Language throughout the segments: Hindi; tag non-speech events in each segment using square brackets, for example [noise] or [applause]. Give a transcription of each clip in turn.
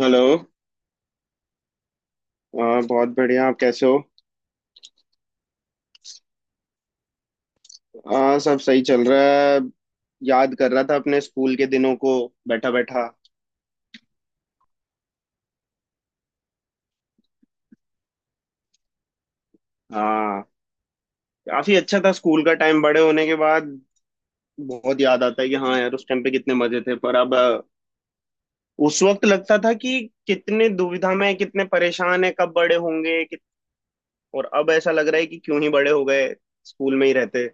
हेलो। बहुत बढ़िया, आप कैसे हो। सब सही चल रहा है। याद कर रहा था अपने स्कूल के दिनों को, बैठा बैठा। हाँ, काफी अच्छा था स्कूल का टाइम। बड़े होने के बाद बहुत याद आता है कि हाँ यार, उस टाइम पे कितने मजे थे, पर अब उस वक्त लगता था कि कितने दुविधा में हैं, कितने परेशान है, कब बड़े होंगे कि। और अब ऐसा लग रहा है कि क्यों ही बड़े हो गए, स्कूल में ही रहते।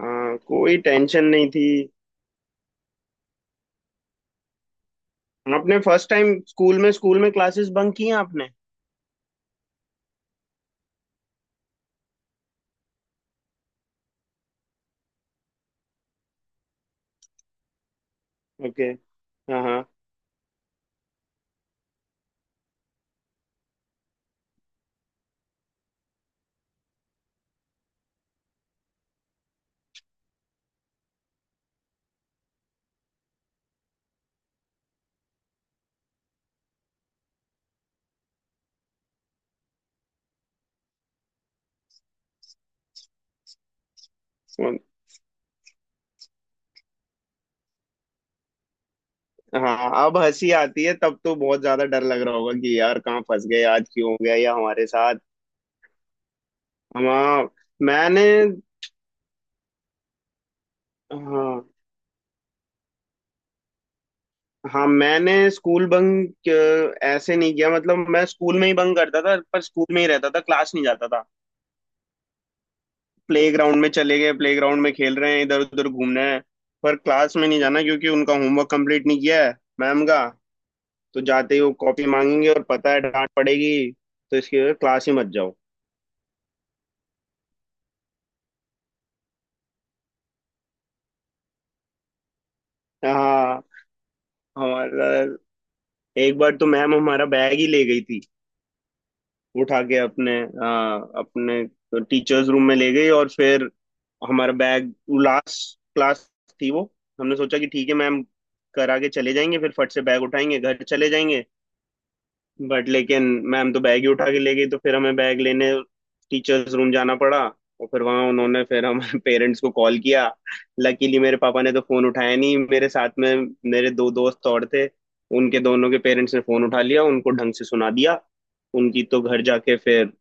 हाँ, कोई टेंशन नहीं थी। आपने फर्स्ट टाइम स्कूल में क्लासेस बंक की हैं आपने? ओके। हाँ हाँ। सुन। हाँ, अब हंसी आती है, तब तो बहुत ज्यादा डर लग रहा होगा कि यार कहाँ फंस गए, आज क्यों हो गया या हमारे साथ। हम हाँ, मैंने। हाँ हाँ, मैंने स्कूल बंक ऐसे नहीं किया। मतलब मैं स्कूल में ही बंक करता था, पर स्कूल में ही रहता था, क्लास नहीं जाता था। प्ले ग्राउंड में चले गए, प्ले ग्राउंड में खेल रहे हैं, इधर उधर घूमना है, पर क्लास में नहीं जाना क्योंकि उनका होमवर्क कंप्लीट नहीं किया है, मैम का। तो जाते ही वो कॉपी मांगेंगे और पता है डांट पड़ेगी। तो इसकी वजह से क्लास ही मत जाओ। हाँ, हमारा एक बार तो मैम हमारा बैग ही ले गई थी। उठा के अपने अपने टीचर्स रूम में ले गई। और फिर हमारा बैग, लास्ट क्लास थी वो। हमने सोचा कि ठीक है, मैम करा के चले जाएंगे, फिर फट से बैग उठाएंगे, घर चले जाएंगे। बट लेकिन मैम तो बैग ही उठा के ले गई, तो फिर हमें बैग लेने टीचर्स रूम जाना पड़ा। और फिर वहां उन्होंने फिर हम [laughs] पेरेंट्स को कॉल किया। लकीली मेरे पापा ने तो फोन उठाया नहीं। मेरे साथ में मेरे दो दोस्त और थे, उनके दोनों के पेरेंट्स ने फोन उठा लिया, उनको ढंग से सुना दिया। उनकी तो घर जाके फिर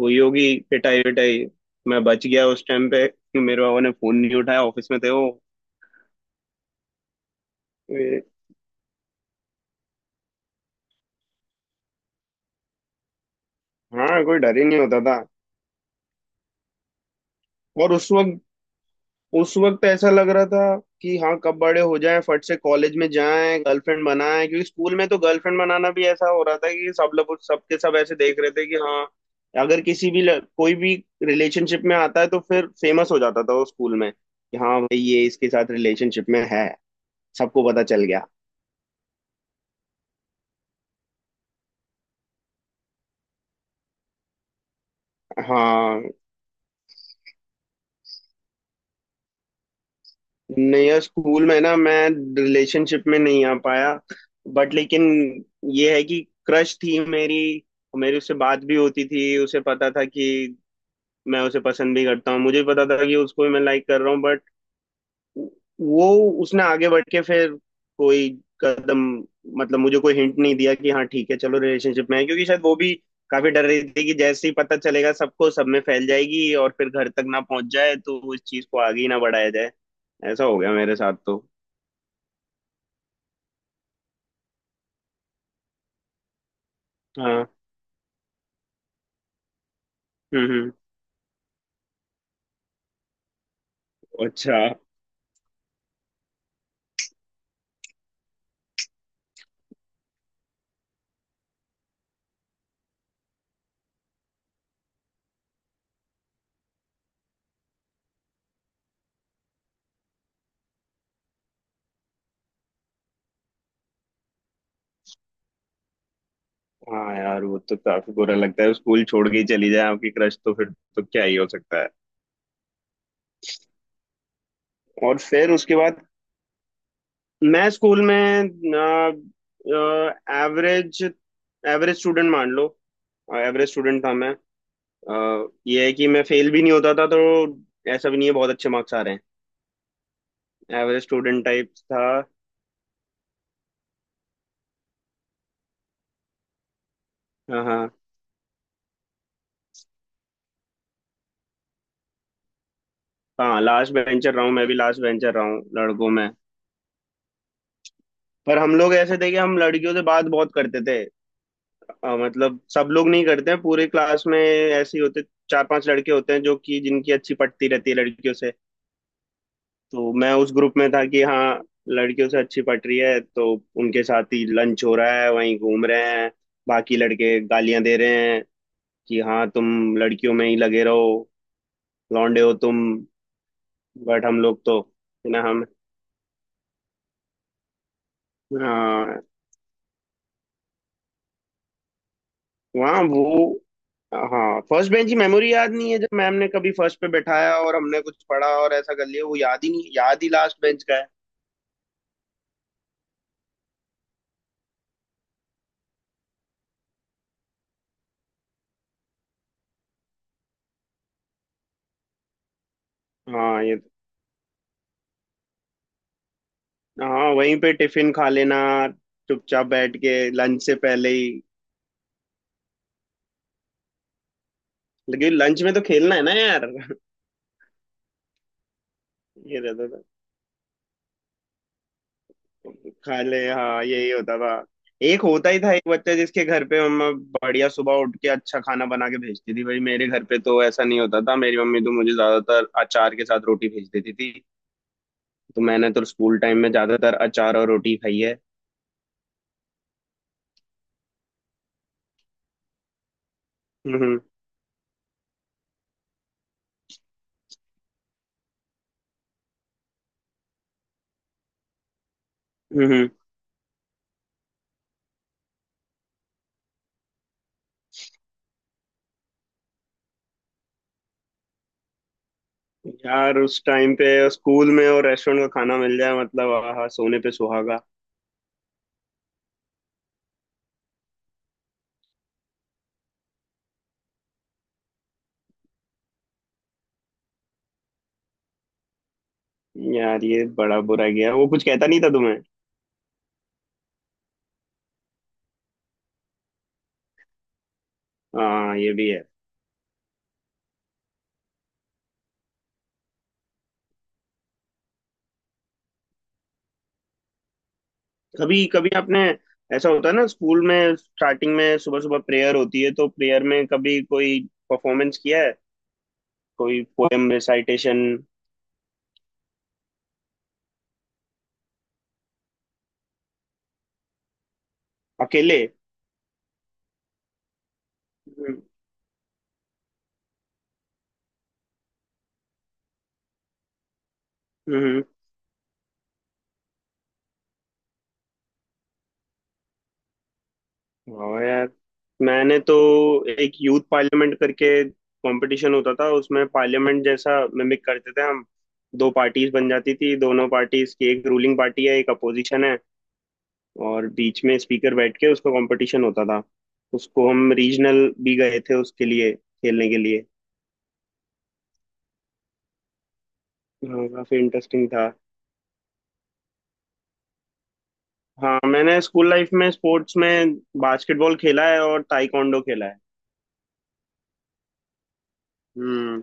हुई होगी पिटाई विटाई। मैं बच गया उस टाइम पे, मेरे पापा ने फोन नहीं उठाया, ऑफिस में थे वो। ए, हाँ, कोई डर ही नहीं होता था। और उस वक्त, उस वक्त ऐसा लग रहा था कि हाँ, कब बड़े हो जाएं, फट से कॉलेज में जाएं, गर्लफ्रेंड बनाएं। क्योंकि स्कूल में तो गर्लफ्रेंड बनाना भी ऐसा हो रहा था कि सब लोग, सबके सब ऐसे देख रहे थे कि हाँ, अगर किसी भी कोई भी रिलेशनशिप में आता है तो फिर फेमस हो जाता था वो स्कूल में कि हाँ भाई, ये इसके साथ रिलेशनशिप में है, सबको पता चल गया। हाँ, नहीं यार, स्कूल में ना मैं रिलेशनशिप में नहीं आ पाया। बट लेकिन ये है कि क्रश थी मेरी। मेरी उससे बात भी होती थी, उसे पता था कि मैं उसे पसंद भी करता हूँ, मुझे भी पता था कि उसको भी मैं लाइक कर रहा हूँ। बट वो, उसने आगे बढ़ के फिर कोई कदम, मतलब मुझे कोई हिंट नहीं दिया कि हाँ ठीक है, चलो रिलेशनशिप में है। क्योंकि शायद वो भी काफी डर रही थी कि जैसे ही पता चलेगा सबको, सब में फैल जाएगी और फिर घर तक ना पहुंच जाए, तो इस चीज को आगे ही ना बढ़ाया जाए। ऐसा हो गया मेरे साथ तो। हाँ। हम्म। हम्म। अच्छा। हाँ यार, वो तो काफी बुरा लगता है, स्कूल छोड़ के ही चली जाए आपकी क्रश, तो फिर तो क्या ही हो सकता है। और फिर उसके बाद मैं स्कूल में एवरेज एवरेज स्टूडेंट मान लो। एवरेज स्टूडेंट था मैं। ये है कि मैं फेल भी नहीं होता था। तो ऐसा भी नहीं है बहुत अच्छे मार्क्स आ रहे हैं, एवरेज स्टूडेंट टाइप था। हाँ हाँ। हाँ, लास्ट बेंचर रहा हूँ, मैं भी लास्ट बेंचर रहा हूँ लड़कों में। पर हम लोग ऐसे थे कि हम लड़कियों से बात बहुत करते थे। मतलब सब लोग नहीं करते हैं पूरे क्लास में, ऐसे ही होते चार पांच लड़के होते हैं जो कि जिनकी अच्छी पटती रहती है लड़कियों से। तो मैं उस ग्रुप में था कि हाँ, लड़कियों से अच्छी पट रही है, तो उनके साथ ही लंच हो रहा है, वहीं घूम रहे हैं। बाकी लड़के गालियां दे रहे हैं कि हाँ तुम लड़कियों में ही लगे रहो, लौंडे हो तुम। बट हम लोग तो, है ना हम। हाँ वहाँ वो, हाँ, फर्स्ट बेंच की मेमोरी याद नहीं है। जब मैम ने कभी फर्स्ट पे बैठाया और हमने कुछ पढ़ा और ऐसा कर लिया, वो याद ही नहीं। याद ही लास्ट बेंच का है। हाँ ये, हाँ, वहीं पे टिफिन खा लेना चुपचाप, बैठ के लंच से पहले ही। लेकिन लंच में तो खेलना है ना यार। ये रहता था। खा ले, हाँ यही होता था। एक होता ही था एक बच्चा जिसके घर पे मम्मा बढ़िया सुबह उठ के अच्छा खाना बना के भेजती थी। भाई, मेरे घर पे तो ऐसा नहीं होता था, मेरी मम्मी तो मुझे ज्यादातर अचार के साथ रोटी भेज देती थी। तो मैंने तो स्कूल टाइम में ज्यादातर अचार और रोटी खाई है। हम्म। हम्म। हम्म। यार, उस टाइम पे स्कूल में और रेस्टोरेंट का खाना मिल जाए, मतलब आहा, सोने पे सुहागा। यार ये बड़ा बुरा गया, वो कुछ कहता नहीं था तुम्हें? हाँ, ये भी है। कभी कभी आपने, ऐसा होता है ना स्कूल में स्टार्टिंग में सुबह सुबह प्रेयर होती है, तो प्रेयर में कभी कोई परफॉर्मेंस किया है? कोई पोएम रिसाइटेशन, अकेले? हम्म। हम्म। वाह यार, मैंने तो एक यूथ पार्लियामेंट करके कंपटीशन होता था उसमें, पार्लियामेंट जैसा मिमिक करते थे हम। दो पार्टीज बन जाती थी, दोनों पार्टीज की, एक रूलिंग पार्टी है एक अपोजिशन है, और बीच में स्पीकर बैठ के उसका कंपटीशन होता था। उसको हम रीजनल भी गए थे उसके लिए खेलने के लिए। हाँ, काफी इंटरेस्टिंग था। हाँ, मैंने स्कूल लाइफ में स्पोर्ट्स में बास्केटबॉल खेला है और ताइक्वांडो खेला है। हम्म।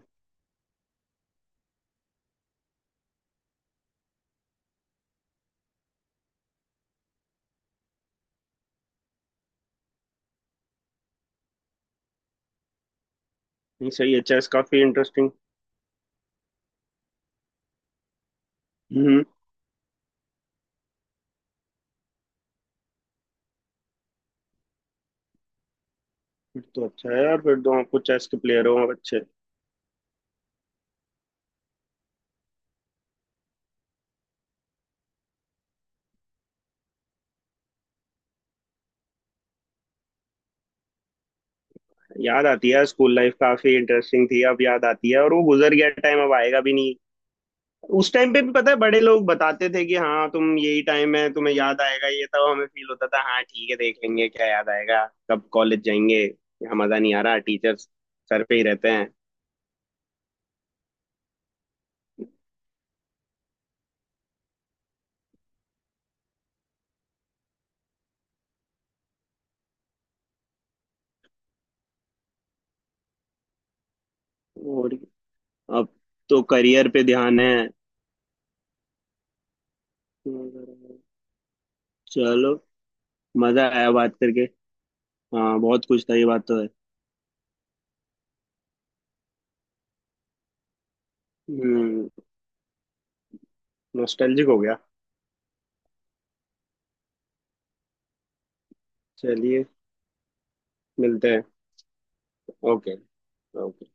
नहीं, सही है, चेस काफी इंटरेस्टिंग। हम्म। फिर तो अच्छा है यार, फिर तो आप कुछ चेस के प्लेयर हो आप, अच्छे। याद आती है स्कूल लाइफ, काफी इंटरेस्टिंग थी, अब याद आती है, और वो गुजर गया टाइम अब आएगा भी नहीं। उस टाइम पे भी पता है बड़े लोग बताते थे कि हाँ तुम, यही टाइम है तुम्हें याद आएगा ये, तब हमें फील होता था, हाँ ठीक है देख लेंगे क्या याद आएगा, कब कॉलेज जाएंगे, यहाँ मजा नहीं आ रहा, टीचर्स सर पे ही रहते हैं। और अब तो करियर पे ध्यान है। चलो, मजा आया बात करके। हाँ, बहुत कुछ था, ये बात तो है। हम्म। नॉस्टैल्जिक हो गया। चलिए, मिलते हैं। ओके। ओके।